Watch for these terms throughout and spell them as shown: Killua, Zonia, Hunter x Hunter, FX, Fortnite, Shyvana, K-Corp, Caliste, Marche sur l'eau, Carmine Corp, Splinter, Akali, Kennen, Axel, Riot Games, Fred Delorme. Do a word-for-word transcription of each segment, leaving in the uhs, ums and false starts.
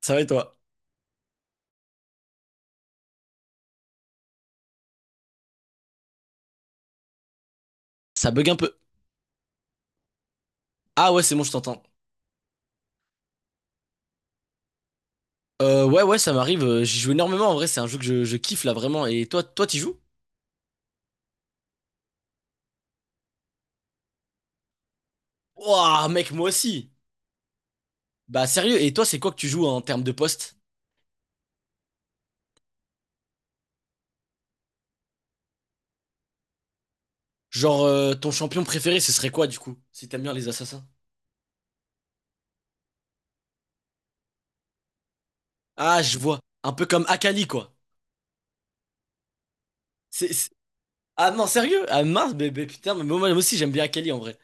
Ça va et toi? Ça bug un peu. Ah ouais, c'est bon, je t'entends. Euh, ouais, ouais, ça m'arrive. euh, J'y joue énormément en vrai. C'est un jeu que je, je kiffe là vraiment. Et toi, toi, t'y joues? Ouah, mec, moi aussi. Bah sérieux. Et toi, c'est quoi que tu joues en termes de poste? Genre euh, ton champion préféré, ce serait quoi du coup? Si t'aimes bien les assassins. Ah, je vois. Un peu comme Akali quoi. C'est, c'est- Ah non, sérieux? Ah mince, mais, putain, mais moi, moi aussi j'aime bien Akali en vrai.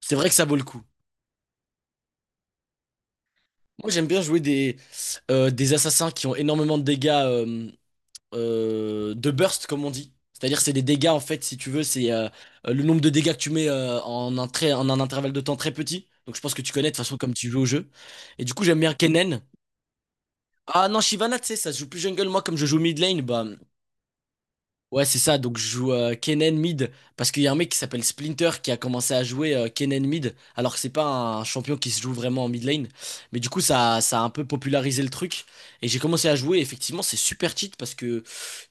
C'est vrai que ça vaut le coup. Moi, j'aime bien jouer des euh, des assassins qui ont énormément de dégâts. Euh, euh, de burst, comme on dit. C'est-à-dire, c'est des dégâts, en fait, si tu veux, c'est euh, le nombre de dégâts que tu mets euh, en un très en un intervalle de temps très petit. Donc, je pense que tu connais de toute façon comme tu joues au jeu. Et du coup, j'aime bien Kennen. Ah non, Shyvana, tu sais, ça se joue plus jungle. Moi, comme je joue mid lane, bah. Ouais, c'est ça. Donc, je joue euh, Kennen mid parce qu'il y a un mec qui s'appelle Splinter qui a commencé à jouer euh, Kennen mid alors que c'est pas un champion qui se joue vraiment en mid lane. Mais du coup, ça, ça a un peu popularisé le truc et j'ai commencé à jouer. Et effectivement, c'est super cheat parce que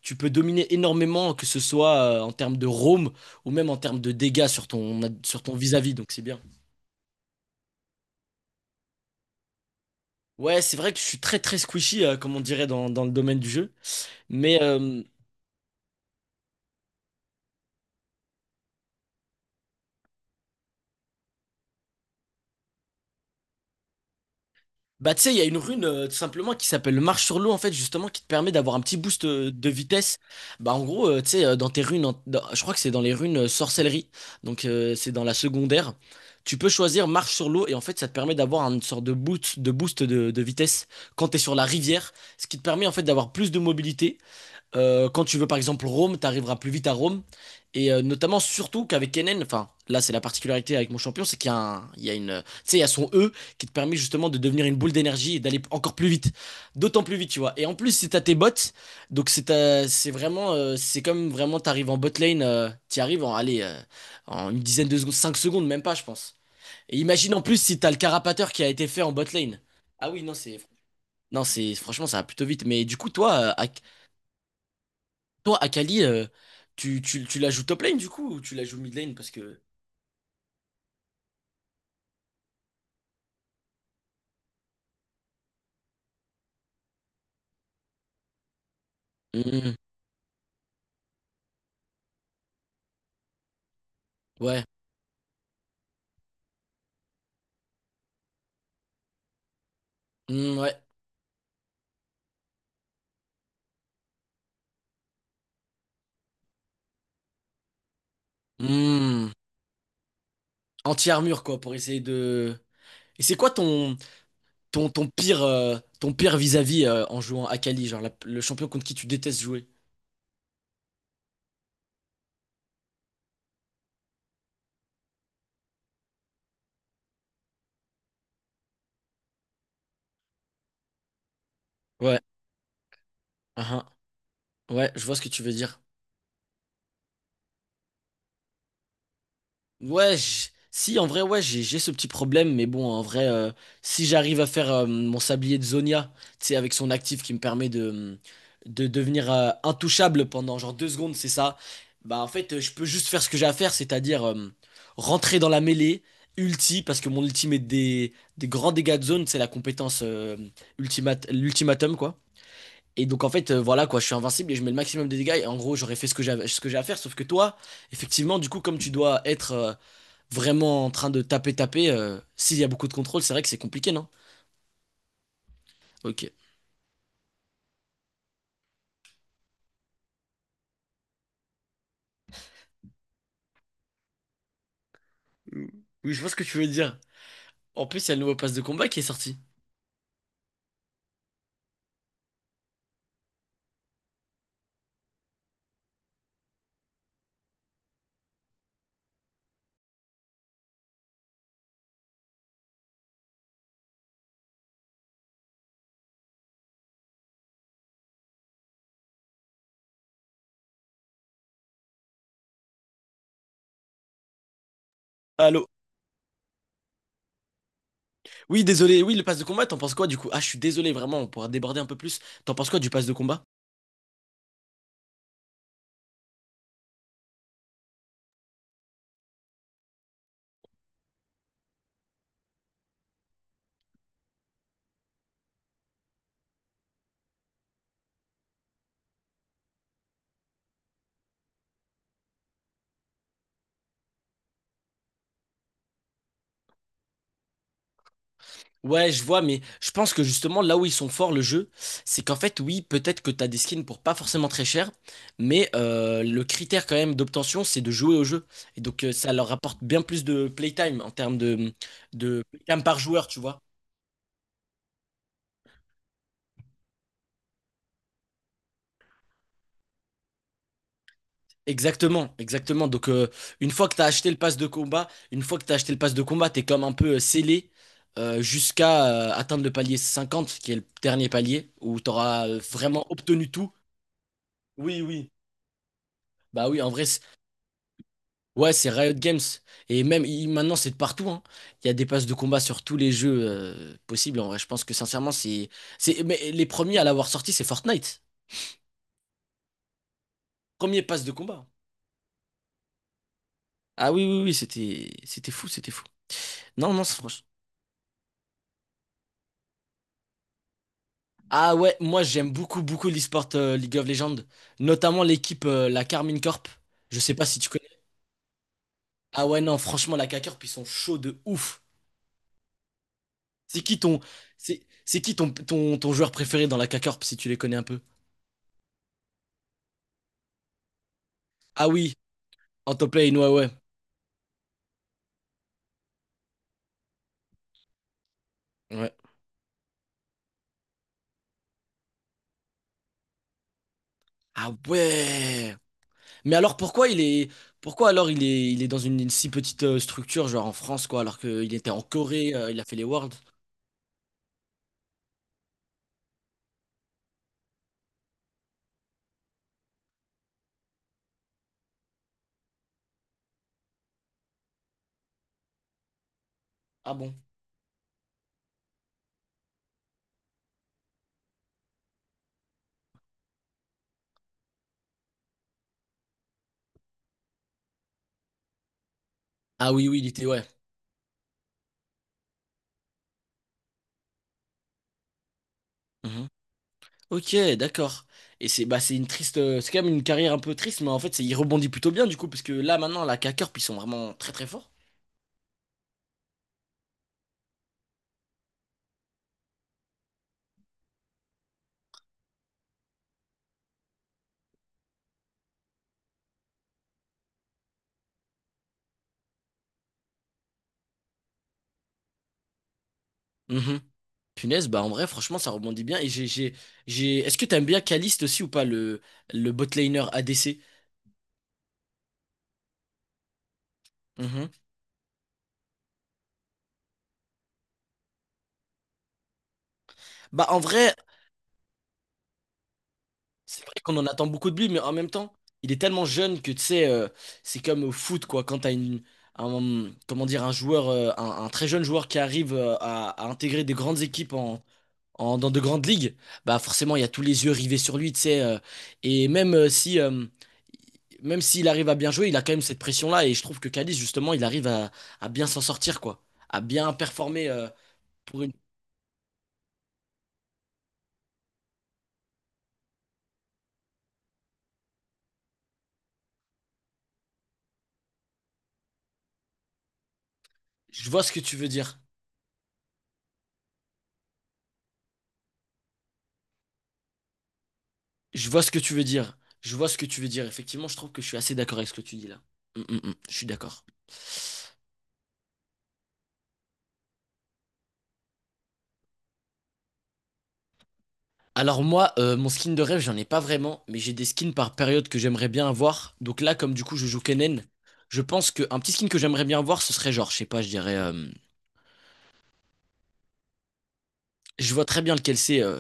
tu peux dominer énormément, que ce soit euh, en termes de roam ou même en termes de dégâts sur ton, ad- sur ton vis-à-vis. Donc, c'est bien. Ouais, c'est vrai que je suis très très squishy, euh, comme on dirait dans, dans le domaine du jeu. Mais, euh, Bah, tu sais, il y a une rune euh, tout simplement qui s'appelle Marche sur l'eau, en fait, justement, qui te permet d'avoir un petit boost euh, de vitesse. Bah, en gros, euh, tu sais, euh, dans tes runes, en- dans- je crois que c'est dans les runes euh, sorcellerie, donc euh, c'est dans la secondaire. Tu peux choisir Marche sur l'eau et en fait, ça te permet d'avoir une sorte de boost de, boost de, de vitesse quand tu es sur la rivière, ce qui te permet en fait d'avoir plus de mobilité euh, quand tu veux par exemple Rome, tu arriveras plus vite à Rome. Et euh, notamment, surtout qu'avec Kennen, enfin, là c'est la particularité avec mon champion, c'est qu'il y a un- il y a une, euh, tu sais, il y a son E qui te permet justement de devenir une boule d'énergie et d'aller encore plus vite. D'autant plus vite, tu vois. Et en plus, c'est à tes bots, donc c'est ta- c'est vraiment, euh, c'est comme vraiment, t'arrives en bot lane, euh, t'y arrives en, allez, euh, en une dizaine de secondes, cinq secondes, même pas, je pense. Et imagine en plus si t'as le carapateur qui a été fait en bot lane. Ah oui, non, c'est, non, c'est, franchement, ça va plutôt vite. Mais du coup, toi, euh, à- toi, Akali, euh, tu, tu, tu la joues top lane du coup ou tu la joues mid lane parce que. Hmm, ouais. Hmm, ouais. Hmm. Anti-armure quoi pour essayer de. Et c'est quoi ton, ton, ton pire euh, ton pire vis-à-vis euh, en jouant Akali, genre la- le champion contre qui tu détestes jouer? Ouais. Uhum. Ouais, je vois ce que tu veux dire. Ouais, j- si, en vrai, ouais, j'ai j'ai ce petit problème, mais bon, en vrai, euh, si j'arrive à faire euh, mon sablier de Zonia, tu sais, avec son actif qui me permet de, de devenir euh, intouchable pendant genre deux secondes, c'est ça, bah en fait, euh, je peux juste faire ce que j'ai à faire, c'est-à-dire euh, rentrer dans la mêlée, ulti, parce que mon ulti met des, des grands dégâts de zone, c'est la compétence euh, ultimate- l'ultimatum, quoi. Et donc en fait, euh, voilà, quoi, je suis invincible et je mets le maximum de dégâts, et en gros, j'aurais fait ce que j'avais, ce que j'ai à faire, sauf que toi, effectivement, du coup, comme tu dois être... euh, vraiment en train de taper, taper, euh, s'il y a beaucoup de contrôle, c'est vrai que c'est compliqué, non? Ok. Oui, je vois ce que tu veux dire. En plus, il y a le nouveau pass de combat qui est sorti. Allô? Oui, désolé. Oui, le pass de combat, t'en penses quoi du coup? Ah, je suis désolé, vraiment, on pourra déborder un peu plus. T'en penses quoi du pass de combat? Ouais, je vois, mais je pense que justement, là où ils sont forts, le jeu, c'est qu'en fait, oui, peut-être que t'as des skins pour pas forcément très cher, mais euh, le critère quand même d'obtention, c'est de jouer au jeu. Et donc, euh, ça leur apporte bien plus de playtime en termes de, de playtime par joueur, tu vois. Exactement, exactement. Donc, euh, une fois que tu as acheté le pass de combat, une fois que tu acheté le pass de combat, tu es comme un peu euh, scellé euh, jusqu'à euh, atteindre le palier cinquante, qui est le dernier palier, où tu auras vraiment obtenu tout. Oui, oui. Bah oui, en vrai, c'est- ouais, c'est Riot Games. Et même il- maintenant, c'est de partout, hein. Il y a des passes de combat sur tous les jeux euh, possibles. En vrai, je pense que sincèrement, c'est, c'est, mais les premiers à l'avoir sorti, c'est Fortnite. Premier pass de combat. Ah oui, oui, oui, c'était, c'était fou, c'était fou. Non, non, c'est franchement. Ah ouais, moi j'aime beaucoup beaucoup l'e-sport euh, League of Legends, notamment l'équipe euh, la Carmine Corp. Je sais pas si tu connais. Ah ouais non, franchement la K-Corp ils sont chauds de ouf. C'est qui ton c'est c'est qui ton, ton ton joueur préféré dans la K-Corp si tu les connais un peu? Ah oui, en top lane ouais ouais. Ouais. Ah ouais. Mais alors pourquoi il est Pourquoi alors il est il est dans une, une si petite euh, structure genre en France quoi alors qu'il était en Corée, euh, il a fait les Worlds. Ah bon. Ah oui oui, il était ouais. Mmh. Ok, d'accord. Et c'est bah, c'est une triste, euh, c'est quand même une carrière un peu triste, mais en fait, c'est- il rebondit plutôt bien du coup, parce que là maintenant, la K-Corp, ils sont vraiment très très forts. Mhm. Punaise, bah en vrai, franchement, ça rebondit bien. Et j'ai, j'ai, j'ai... Est-ce que t'aimes bien Caliste aussi ou pas, le, le botlaner A D C? Mhm. Bah en vrai, c'est vrai qu'on en attend beaucoup de lui, mais en même temps, il est tellement jeune que tu sais, euh, c'est comme au foot, quoi, quand t'as une, un, comment dire, un joueur, euh, un, un très jeune joueur qui arrive euh, à, à intégrer des grandes équipes en en- dans de grandes ligues, bah forcément il y a tous les yeux rivés sur lui, tu sais. Euh, et même euh, si euh, même s'il arrive à bien jouer, il a quand même cette pression-là. Et je trouve que Calis, justement, il arrive à, à bien s'en sortir, quoi. À bien performer euh, pour une. Je vois ce que tu veux dire. Je vois ce que tu veux dire. Je vois ce que tu veux dire. Effectivement, je trouve que je suis assez d'accord avec ce que tu dis là. Mm, mm, mm. Je suis d'accord. Alors moi, euh, mon skin de rêve, j'en ai pas vraiment, mais j'ai des skins par période que j'aimerais bien avoir. Donc là, comme du coup je joue Kennen, je pense qu'un petit skin que j'aimerais bien avoir, ce serait genre, je sais pas, je dirais, euh, je vois très bien lequel c'est. euh.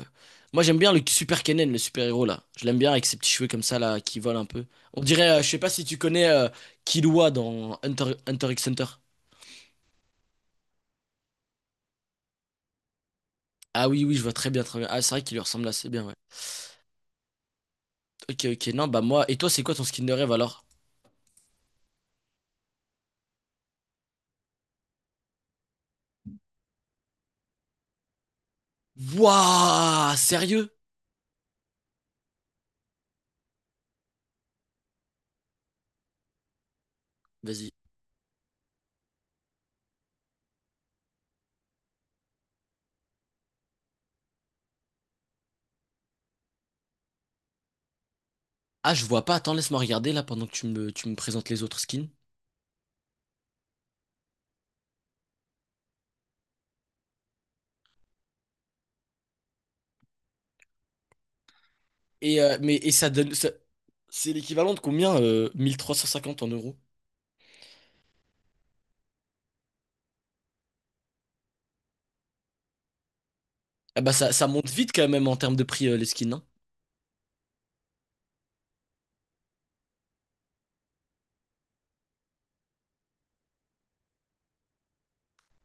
Moi j'aime bien le super Kennen, le super-héros là. Je l'aime bien avec ses petits cheveux comme ça là, qui volent un peu. On dirait, euh, je sais pas si tu connais euh, Killua dans Hunter, Hunter x Hunter. Ah oui, oui, je vois très bien, très bien. Ah c'est vrai qu'il lui ressemble assez bien, ouais. Ok, ok, non, bah moi, et toi c'est quoi ton skin de rêve alors? Wouah, sérieux? Vas-y. Ah, je vois pas. Attends, laisse-moi regarder là pendant que tu me, tu me présentes les autres skins. Et, euh, mais, et ça donne. ça- C'est l'équivalent de combien euh, mille trois cent cinquante en euros? Ah bah ça, ça monte vite quand même en termes de prix euh, les skins, hein.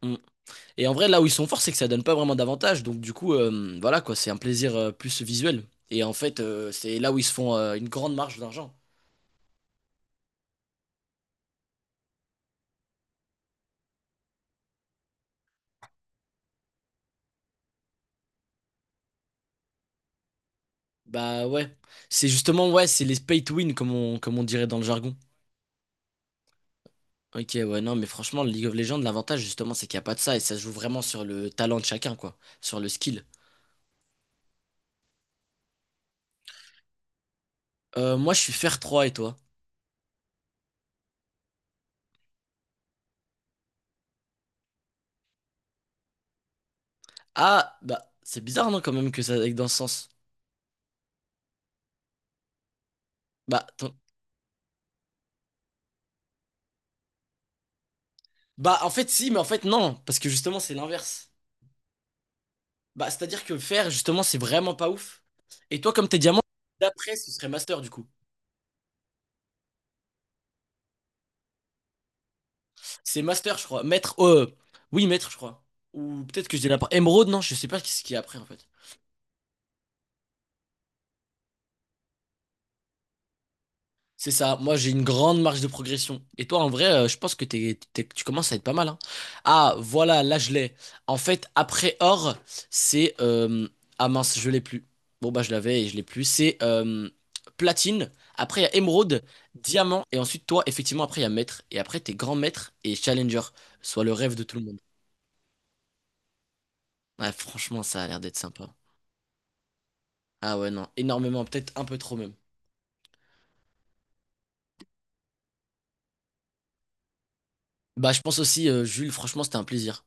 Mm. Et en vrai, là où ils sont forts, c'est que ça donne pas vraiment d'avantages. Donc du coup, euh, voilà quoi, c'est un plaisir euh, plus visuel. Et en fait, euh, c'est là où ils se font euh, une grande marge d'argent. Bah ouais. C'est justement, ouais, c'est les pay to win comme on, comme on dirait dans le jargon. Ok, ouais, non, mais franchement, le League of Legends, l'avantage justement, c'est qu'il n'y a pas de ça et ça se joue vraiment sur le talent de chacun, quoi, sur le skill. Euh, moi, je suis fer trois et toi? Ah, bah, c'est bizarre, non, quand même, que ça aille dans ce sens. Bah, ton- Bah, en fait, si, mais en fait, non, parce que justement, c'est l'inverse. Bah, c'est-à-dire que fer, justement, c'est vraiment pas ouf. Et toi, comme t'es diamant, d'après, ce serait master, du coup. C'est master, je crois. Maître, euh, oui, maître, je crois. Ou peut-être que je dis n'importe. Émeraude, non, je sais pas ce qu'il y a après, en fait. C'est ça, moi j'ai une grande marge de progression. Et toi en vrai, euh, je pense que t'es- t'es- tu commences à être pas mal, hein. Ah voilà, là je l'ai. En fait, après or, c'est... euh, Ah mince, je l'ai plus. Bon bah je l'avais et je l'ai plus. C'est euh, platine, après il y a émeraude, diamant, et ensuite toi, effectivement, après il y a maître. Et après t'es grand maître et challenger, soit le rêve de tout le monde. Ouais, franchement, ça a l'air d'être sympa. Ah ouais, non, énormément, peut-être un peu trop même. Bah je pense aussi, euh, Jules, franchement c'était un plaisir.